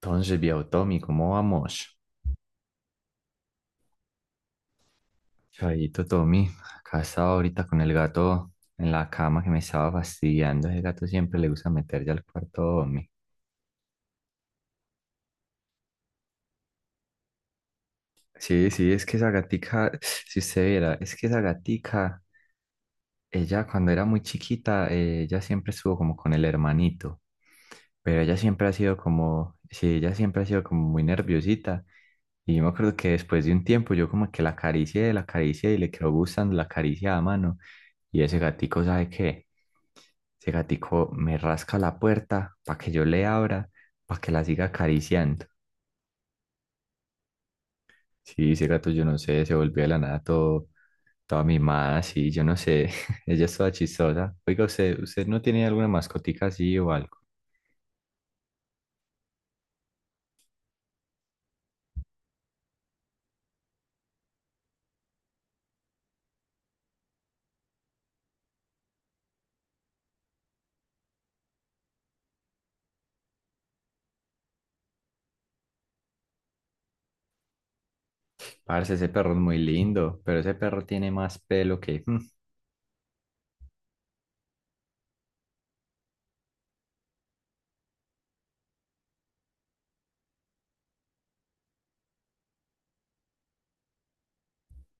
Entonces, viejo Tommy, ¿cómo vamos? Chavito Tommy, acá estaba ahorita con el gato en la cama que me estaba fastidiando. Ese gato siempre le gusta meter ya al cuarto Tommy. Sí, sí, es que esa gatica, si usted viera, es que esa gatica, ella cuando era muy chiquita, ella siempre estuvo como con el hermanito, pero ella siempre ha sido como, sí, ella siempre ha sido como muy nerviosita. Y yo me acuerdo que después de un tiempo yo como que la acaricié y le quedó gustando la caricia a mano. Y ese gatico, ¿sabe qué? Ese gatico me rasca la puerta para que yo le abra, para que la siga acariciando. Sí, ese gato, yo no sé, se volvió de la nada todo, toda mimada, sí, yo no sé. Ella es toda chistosa. Oiga, ¿usted no tiene alguna mascotica así o algo? Parce, ese perro es muy lindo, pero ese perro tiene más pelo que.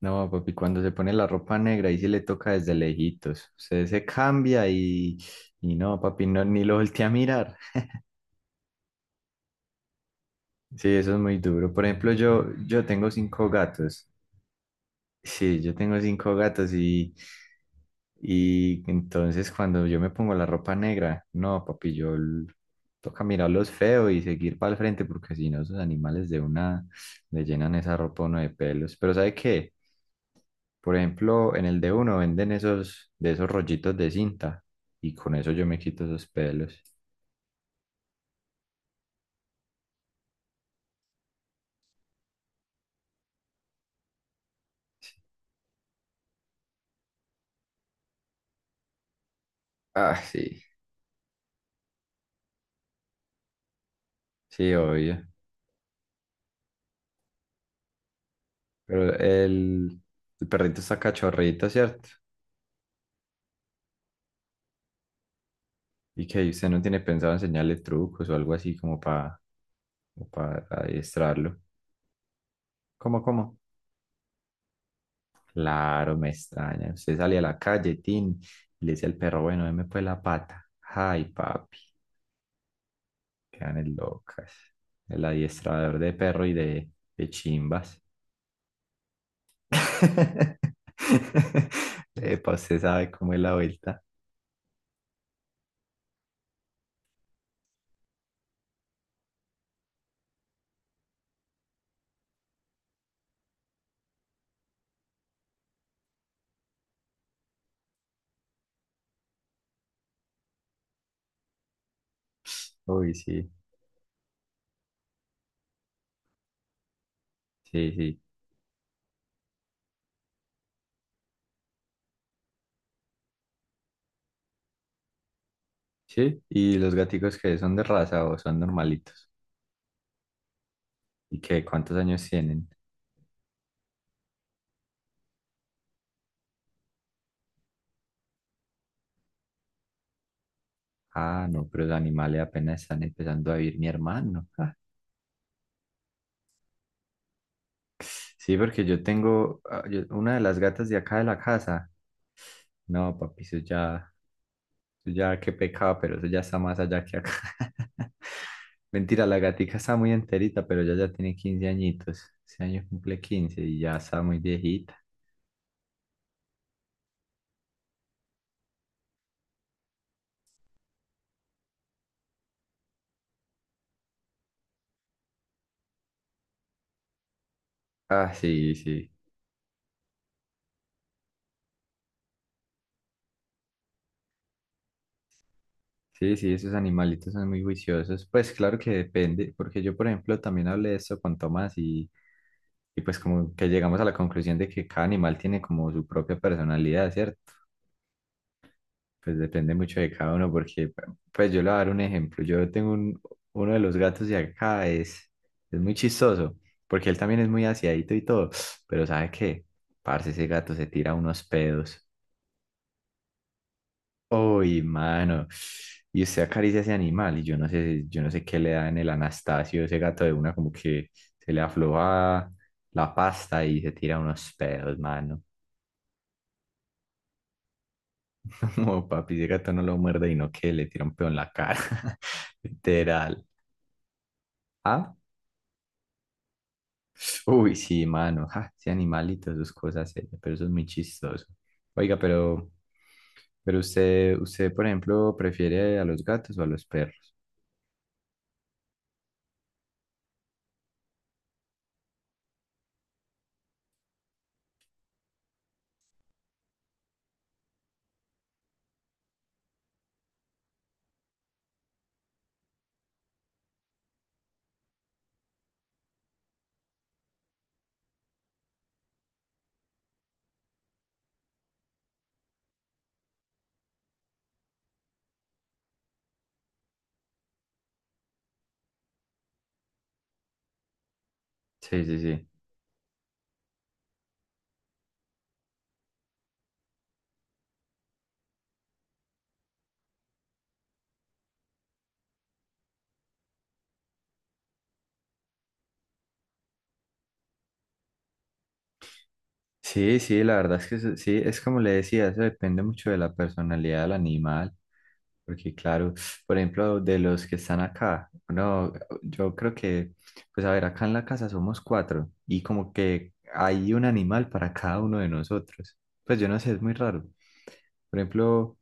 No, papi, cuando se pone la ropa negra, ahí sí le toca desde lejitos. Usted se cambia y. Y no, papi, no, ni lo voltea a mirar. Sí, eso es muy duro. Por ejemplo, yo tengo cinco gatos. Sí, yo tengo cinco gatos y entonces cuando yo me pongo la ropa negra, no, papi, toca mirarlos feo y seguir para el frente porque si no, esos animales de una le llenan esa ropa a uno de pelos. Pero ¿sabe qué? Por ejemplo, en el de uno venden esos, de esos rollitos de cinta y con eso yo me quito esos pelos. Sí. Ah, sí, sí, obvio. Pero el perrito está cachorrito, ¿cierto? Y que usted no tiene pensado enseñarle trucos o algo así como para adiestrarlo. ¿Cómo, cómo? Claro, me extraña. Usted sale a la calle, Tin, y le dice al perro, bueno, deme pues la pata. Ay, papi, quedan es locas. El adiestrador de perro y de chimbas. Epa, usted sabe cómo es la vuelta. Uy, sí, sí, sí. Sí, y los gaticos que son de raza o son normalitos. ¿Y qué? ¿Cuántos años tienen? Ah, no, pero los animales apenas están empezando a vivir mi hermano. Ah, sí, porque yo tengo una de las gatas de acá de la casa. No, papi, eso ya qué pecado, pero eso ya está más allá que acá. Mentira, la gatica está muy enterita, pero ella ya tiene 15 añitos. Ese año cumple 15 y ya está muy viejita. Ah, sí, sí. Sí, sí, esos animalitos son muy juiciosos. Pues claro que depende, porque yo, por ejemplo, también hablé de esto con Tomás y pues como que llegamos a la conclusión de que cada animal tiene como su propia personalidad, ¿cierto? Pues depende mucho de cada uno, porque, pues yo le voy a dar un ejemplo. Yo tengo uno de los gatos de acá, es muy chistoso, porque él también es muy aseadito y todo, pero ¿sabe qué? Parce, ese gato se tira unos pedos. Uy, mano. Y usted acaricia ese animal, y yo no sé qué le da en el Anastasio, ese gato de una, como que se le afloja la pasta y se tira unos pedos, mano. Como papi, ese gato no lo muerde y no que le tira un pedo en la cara. Literal. ¿Ah? Uy, sí, mano, ja, ese animalito, sus cosas, pero eso es muy chistoso. Oiga, pero usted, por ejemplo, prefiere a los gatos o a los perros. Sí, sí, sí. Sí, sí, la verdad es que sí, es como le decía, eso depende mucho de la personalidad del animal, porque claro, por ejemplo, de los que están acá, no, yo creo que, pues a ver, acá en la casa somos cuatro y como que hay un animal para cada uno de nosotros. Pues yo no sé, es muy raro. Por ejemplo,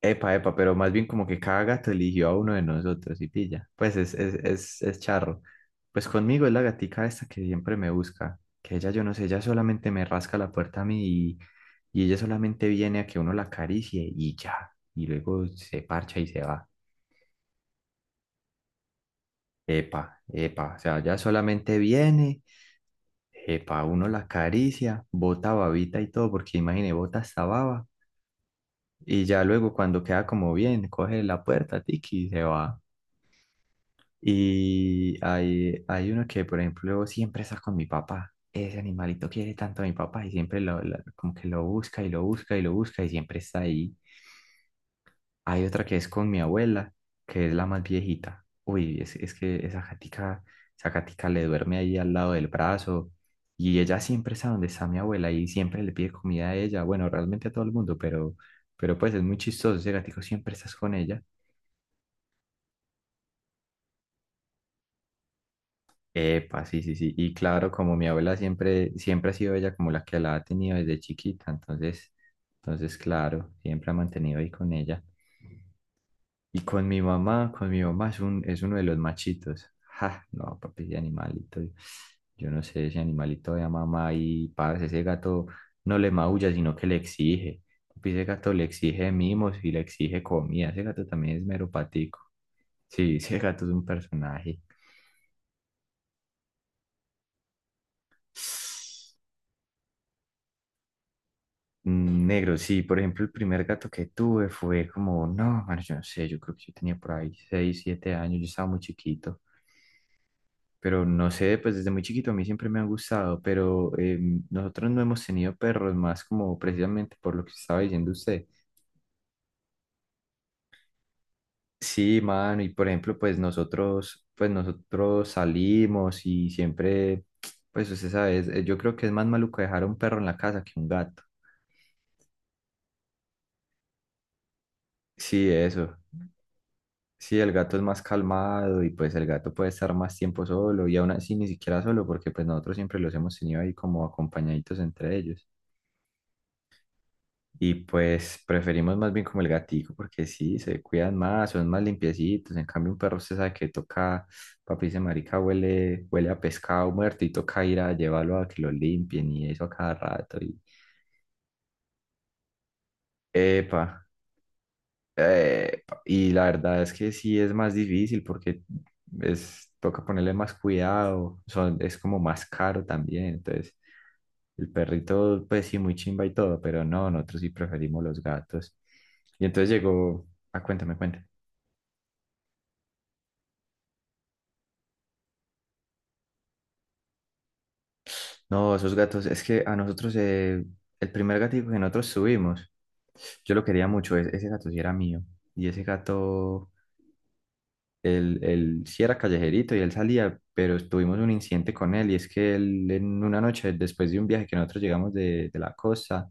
epa, epa, pero más bien como que cada gato eligió a uno de nosotros y pilla. Pues es charro. Pues conmigo es la gatica esta que siempre me busca, que ella yo no sé, ella solamente me rasca la puerta a mí y ella solamente viene a que uno la acaricie y ya, y luego se parcha y se va. Epa, epa, o sea, ella solamente viene, epa, uno la acaricia, bota babita y todo, porque imagine, bota hasta baba y ya luego cuando queda como bien, coge la puerta, tiki, y se va. Y hay uno que, por ejemplo, siempre está con mi papá. Ese animalito quiere tanto a mi papá y siempre como que lo busca y lo busca y lo busca y siempre está ahí. Hay otra que es con mi abuela, que es la más viejita. Uy, es que esa gatica le duerme ahí al lado del brazo y ella siempre está donde está mi abuela y siempre le pide comida a ella. Bueno, realmente a todo el mundo, pero pues es muy chistoso. Ese gatico siempre estás con ella. Epa, sí, sí, sí. Y claro, como mi abuela siempre, siempre ha sido ella como la que la ha tenido desde chiquita, entonces, claro, siempre ha mantenido ahí con ella. Y con mi mamá es es uno de los machitos. Ja, no, papi, ese animalito. Yo no sé, ese animalito de mamá y parce, ese gato no le maulla, sino que le exige. Papi, ese gato le exige mimos y le exige comida. Ese gato también es mero patico. Sí, ese gato es un personaje. Negro, sí, por ejemplo, el primer gato que tuve fue como, no, mano yo no sé, yo creo que yo tenía por ahí 6 7 años, yo estaba muy chiquito, pero no sé, pues desde muy chiquito a mí siempre me han gustado, pero nosotros no hemos tenido perros más como precisamente por lo que estaba diciendo usted. Sí, mano, y por ejemplo, pues nosotros salimos y siempre, pues usted sabe, yo creo que es más maluco dejar a un perro en la casa que un gato. Sí, eso. Sí, el gato es más calmado y pues el gato puede estar más tiempo solo y aún así ni siquiera solo porque pues nosotros siempre los hemos tenido ahí como acompañaditos entre ellos. Y pues preferimos más bien como el gatico porque sí, se cuidan más, son más limpiecitos. En cambio un perro usted sabe que toca, papi dice marica, huele, huele a pescado muerto y toca ir a llevarlo a que lo limpien y eso a cada rato. Y. Epa. Y la verdad es que sí es más difícil porque es, toca ponerle más cuidado, son, es como más caro también. Entonces, el perrito, pues sí, muy chimba y todo, pero no, nosotros sí preferimos los gatos. Y entonces llegó, ah, cuéntame, cuéntame. No, esos gatos, es que a nosotros, el primer gatito que nosotros subimos, yo lo quería mucho, ese gato sí era mío. Y ese gato. Él sí era callejerito y él salía, pero tuvimos un incidente con él y es que él en una noche, después de un viaje que nosotros llegamos de la costa,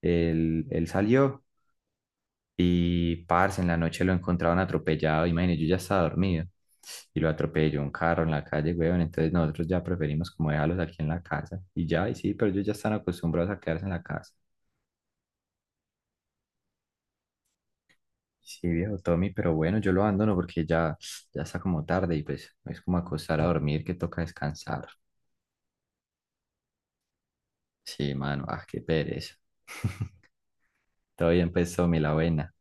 él salió y parce, en la noche lo encontraron atropellado, imagínate, yo ya estaba dormido y lo atropelló un carro en la calle, weón, entonces nosotros ya preferimos como dejarlos aquí en la casa y ya, y sí, pero ellos ya están acostumbrados a quedarse en la casa. Sí, viejo Tommy, pero bueno, yo lo abandono porque ya está como tarde y pues es como acostar a dormir que toca descansar. Sí, mano, ah, qué pereza. Todo bien, pues, Tommy, la buena.